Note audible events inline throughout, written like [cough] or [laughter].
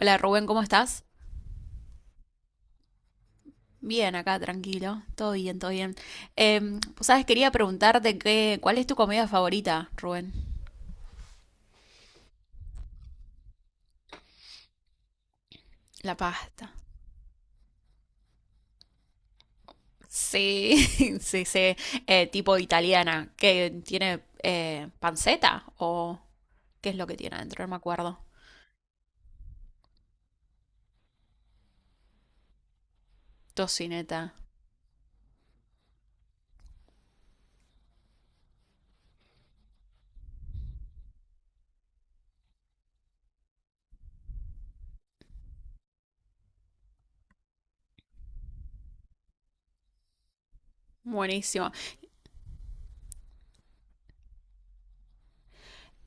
Hola Rubén, ¿cómo estás? Bien, acá tranquilo, todo bien, todo bien. Pues sabes, quería preguntarte ¿cuál es tu comida favorita, Rubén? La pasta. Sí, [laughs] sí, sí, tipo italiana, que tiene panceta o qué es lo que tiene adentro, no me acuerdo. Tocineta, buenísimo.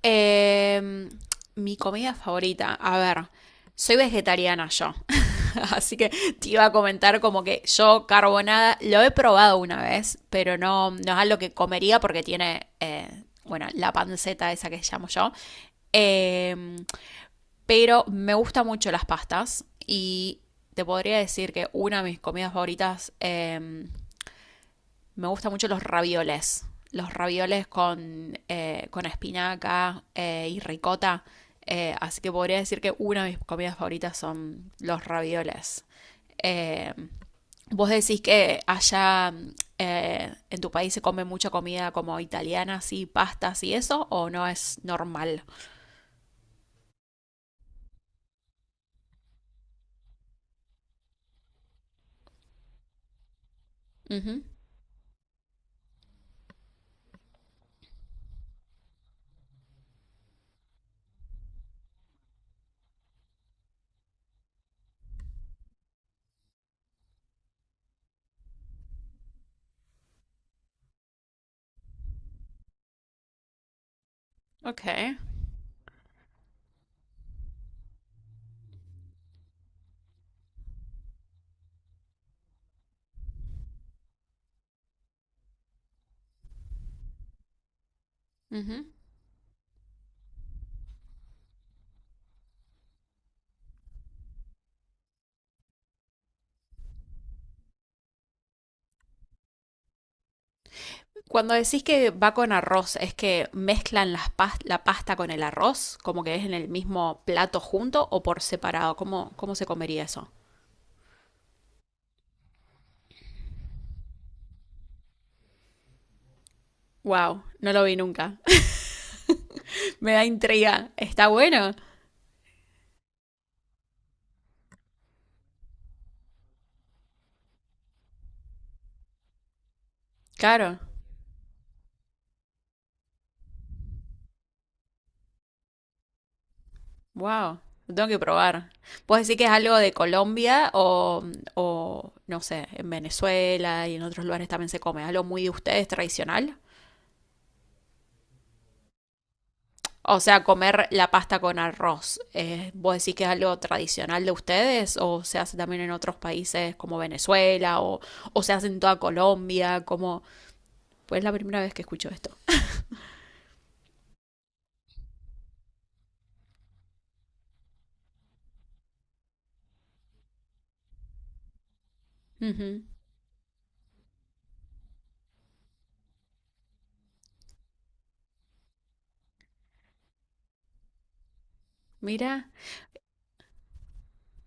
Em, Mi comida favorita, a ver, soy vegetariana yo. [laughs] Así que te iba a comentar como que yo carbonada lo he probado una vez, pero no, no es algo que comería porque tiene, bueno, la panceta esa que llamo yo. Eh, pero me gustan mucho las pastas y te podría decir que una de mis comidas favoritas, me gustan mucho los ravioles. Los ravioles con espinaca y ricota. Así que podría decir que una de mis comidas favoritas son los ravioles. Eh, Vos decís que allá en tu país se come mucha comida como italiana, así, pastas y eso, ¿o no es normal? Ujú. Ok. Ujú. Cuando decís que va con arroz, ¿es que mezclan la pasta con el arroz? ¿Como que es en el mismo plato junto o por separado? ¿Cómo, cómo se comería eso? Wow, no lo vi nunca. [laughs] Me da intriga. Está bueno. Claro. Wow, lo tengo que probar. ¿Puedes decir que es algo de Colombia o, no sé, en Venezuela y en otros lugares también se come? ¿Algo muy de ustedes tradicional? O sea, comer la pasta con arroz. ¿Vos decís que es algo tradicional de ustedes o se hace también en otros países como Venezuela o se hace en toda Colombia? Como, pues es la primera vez que escucho esto. Ujú. Mira,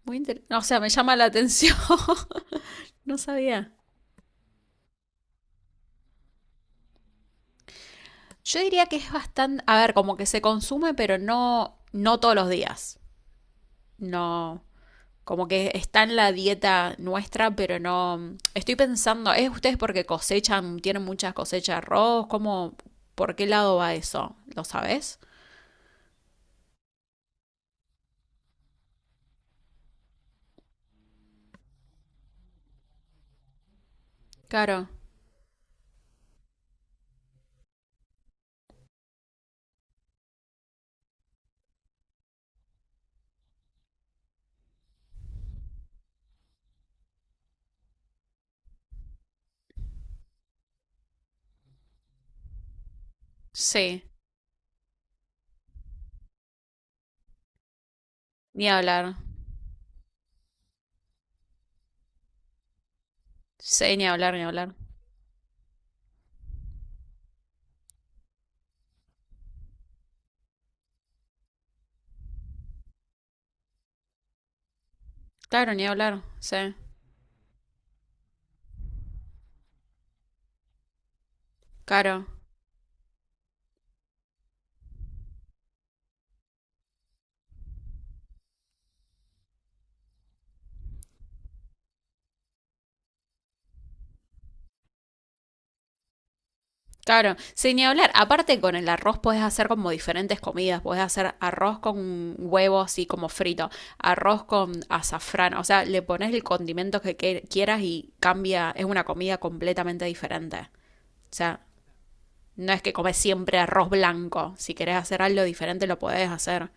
muy interesante. O sea, me llama la atención. [laughs] No sabía. Yo diría que es bastante, a ver, como que se consume, pero no, no todos los días. No, como que está en la dieta nuestra, pero no. Estoy pensando, ¿es ustedes porque cosechan, tienen muchas cosechas de arroz? ¿Cómo, por qué lado va eso? ¿Lo sabes? Claro, sí, ni hablar. Sí, ni hablar, ni hablar. Claro, ni hablar, sí. Claro, claro, sin ni hablar. Aparte con el arroz podés hacer como diferentes comidas. Podés hacer arroz con huevo así como frito, arroz con azafrán. O sea, le pones el condimento quieras y cambia. Es una comida completamente diferente. O sea, no es que comes siempre arroz blanco. Si querés hacer algo diferente lo podés hacer.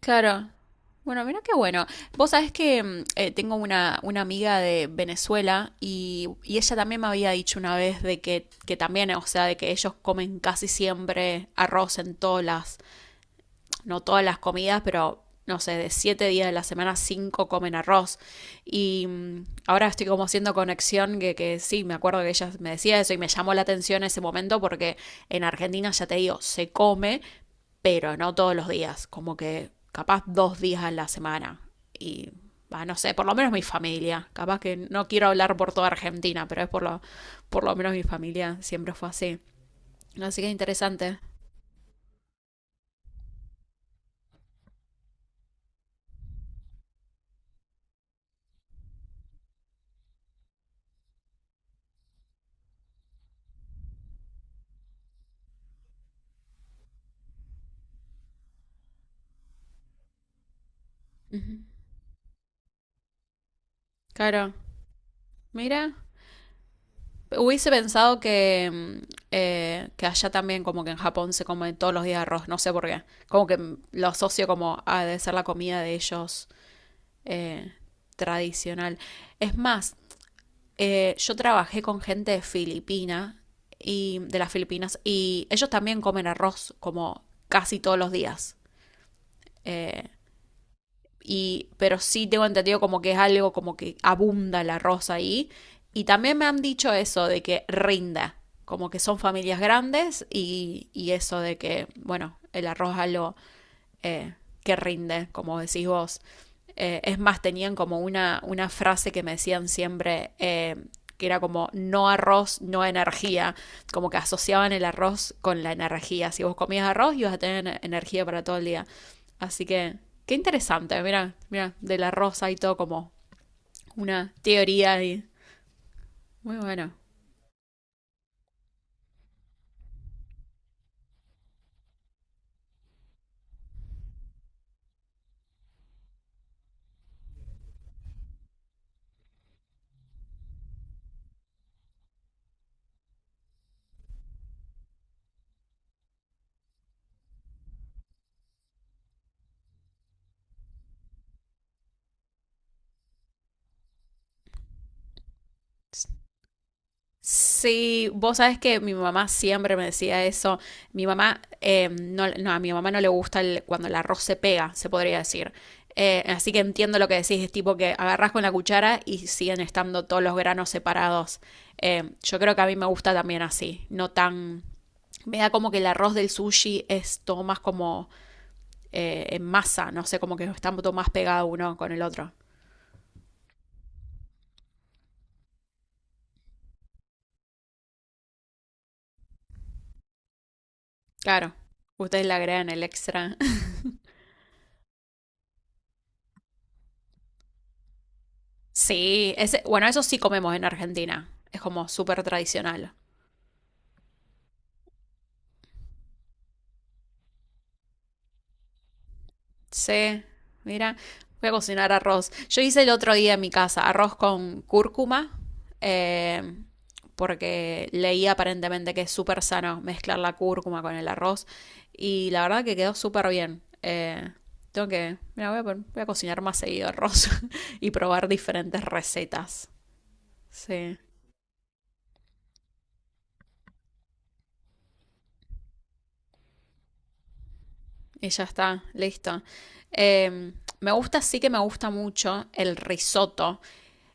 Claro. Bueno, mira qué bueno. Vos sabés que tengo una amiga de Venezuela y ella también me había dicho una vez de que también, o sea, de que ellos comen casi siempre arroz en todas las, no todas las comidas, pero no sé, de 7 días de la semana, cinco comen arroz. Y ahora estoy como haciendo conexión que sí, me acuerdo que ella me decía eso y me llamó la atención ese momento porque en Argentina, ya te digo, se come, pero no todos los días, como que capaz 2 días a la semana. Y bah, no sé, por lo menos mi familia, capaz que no quiero hablar por toda Argentina, pero es por lo menos mi familia siempre fue así. Así que interesante. Ujú. Claro, mira, hubiese pensado que allá también, como que en Japón se come todos los días arroz, no sé por qué. Como que lo asocio como a de ser la comida de ellos eh, tradicional. Es más, yo trabajé con gente de Filipina y de las Filipinas y ellos también comen arroz como casi todos los días. Eh, y, pero sí tengo entendido como que es algo como que abunda el arroz ahí. Y también me han dicho eso de que rinda, como que son familias grandes y eso de que, bueno, el arroz es algo eh, que rinde, como decís vos. Es más, tenían como una frase que me decían siempre, que era como no arroz, no energía, como que asociaban el arroz con la energía. Si vos comías arroz, ibas a tener energía para todo el día. Así que, qué interesante, mira, mira, del arroz hay todo como una teoría ahí. Muy bueno. Sí, vos sabes que mi mamá siempre me decía eso. Mi mamá, no, no, a mi mamá no le gusta cuando el arroz se pega, se podría decir. Así que entiendo lo que decís, es tipo que agarrás con la cuchara y siguen estando todos los granos separados. Yo creo que a mí me gusta también así, no tan. Me da como que el arroz del sushi es todo más como en masa, no sé, como que están todo más pegado uno con el otro. Claro, ustedes le agregan el extra. Sí, ese, bueno, eso sí comemos en Argentina. Es como súper tradicional. Sí, mira, voy a cocinar arroz. Yo hice el otro día en mi casa arroz con cúrcuma, eh, porque leí aparentemente que es súper sano mezclar la cúrcuma con el arroz. Y la verdad que quedó súper bien. Tengo que, mira, voy a cocinar más seguido arroz. [laughs] Y probar diferentes recetas. Sí. Y ya está, listo. Eh, Me gusta, sí que me gusta mucho el risotto,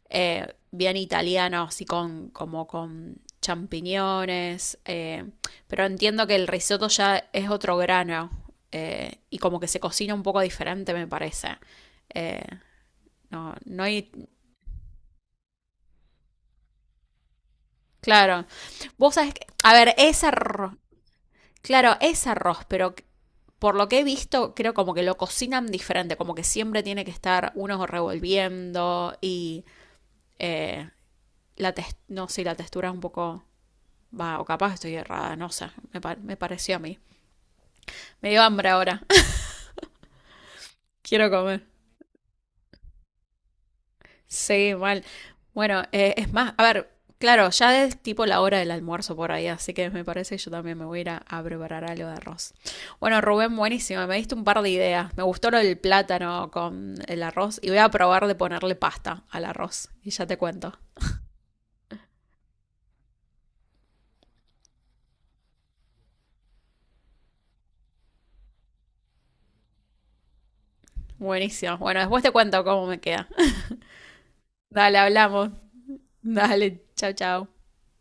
bien italiano, así con, como con champiñones, pero entiendo que el risotto ya es otro grano y como que se cocina un poco diferente, me parece. Eh, no, no hay, claro. Vos sabés, a ver, ese claro, es arroz, pero por lo que he visto, creo como que lo cocinan diferente, como que siempre tiene que estar uno revolviendo y eh, no sé, la textura es un poco. Va, o capaz estoy errada, no sé, me pareció a mí. Me dio hambre ahora, [laughs] quiero comer. Sí, mal. Bueno, es más, a ver, claro, ya es tipo la hora del almuerzo por ahí, así que me parece que yo también me voy a ir a preparar algo de arroz. Bueno, Rubén, buenísimo, me diste un par de ideas. Me gustó lo del plátano con el arroz y voy a probar de ponerle pasta al arroz y ya te cuento. Buenísimo. Bueno, después te cuento cómo me queda. [laughs] Dale, hablamos. Dale, chao, chao.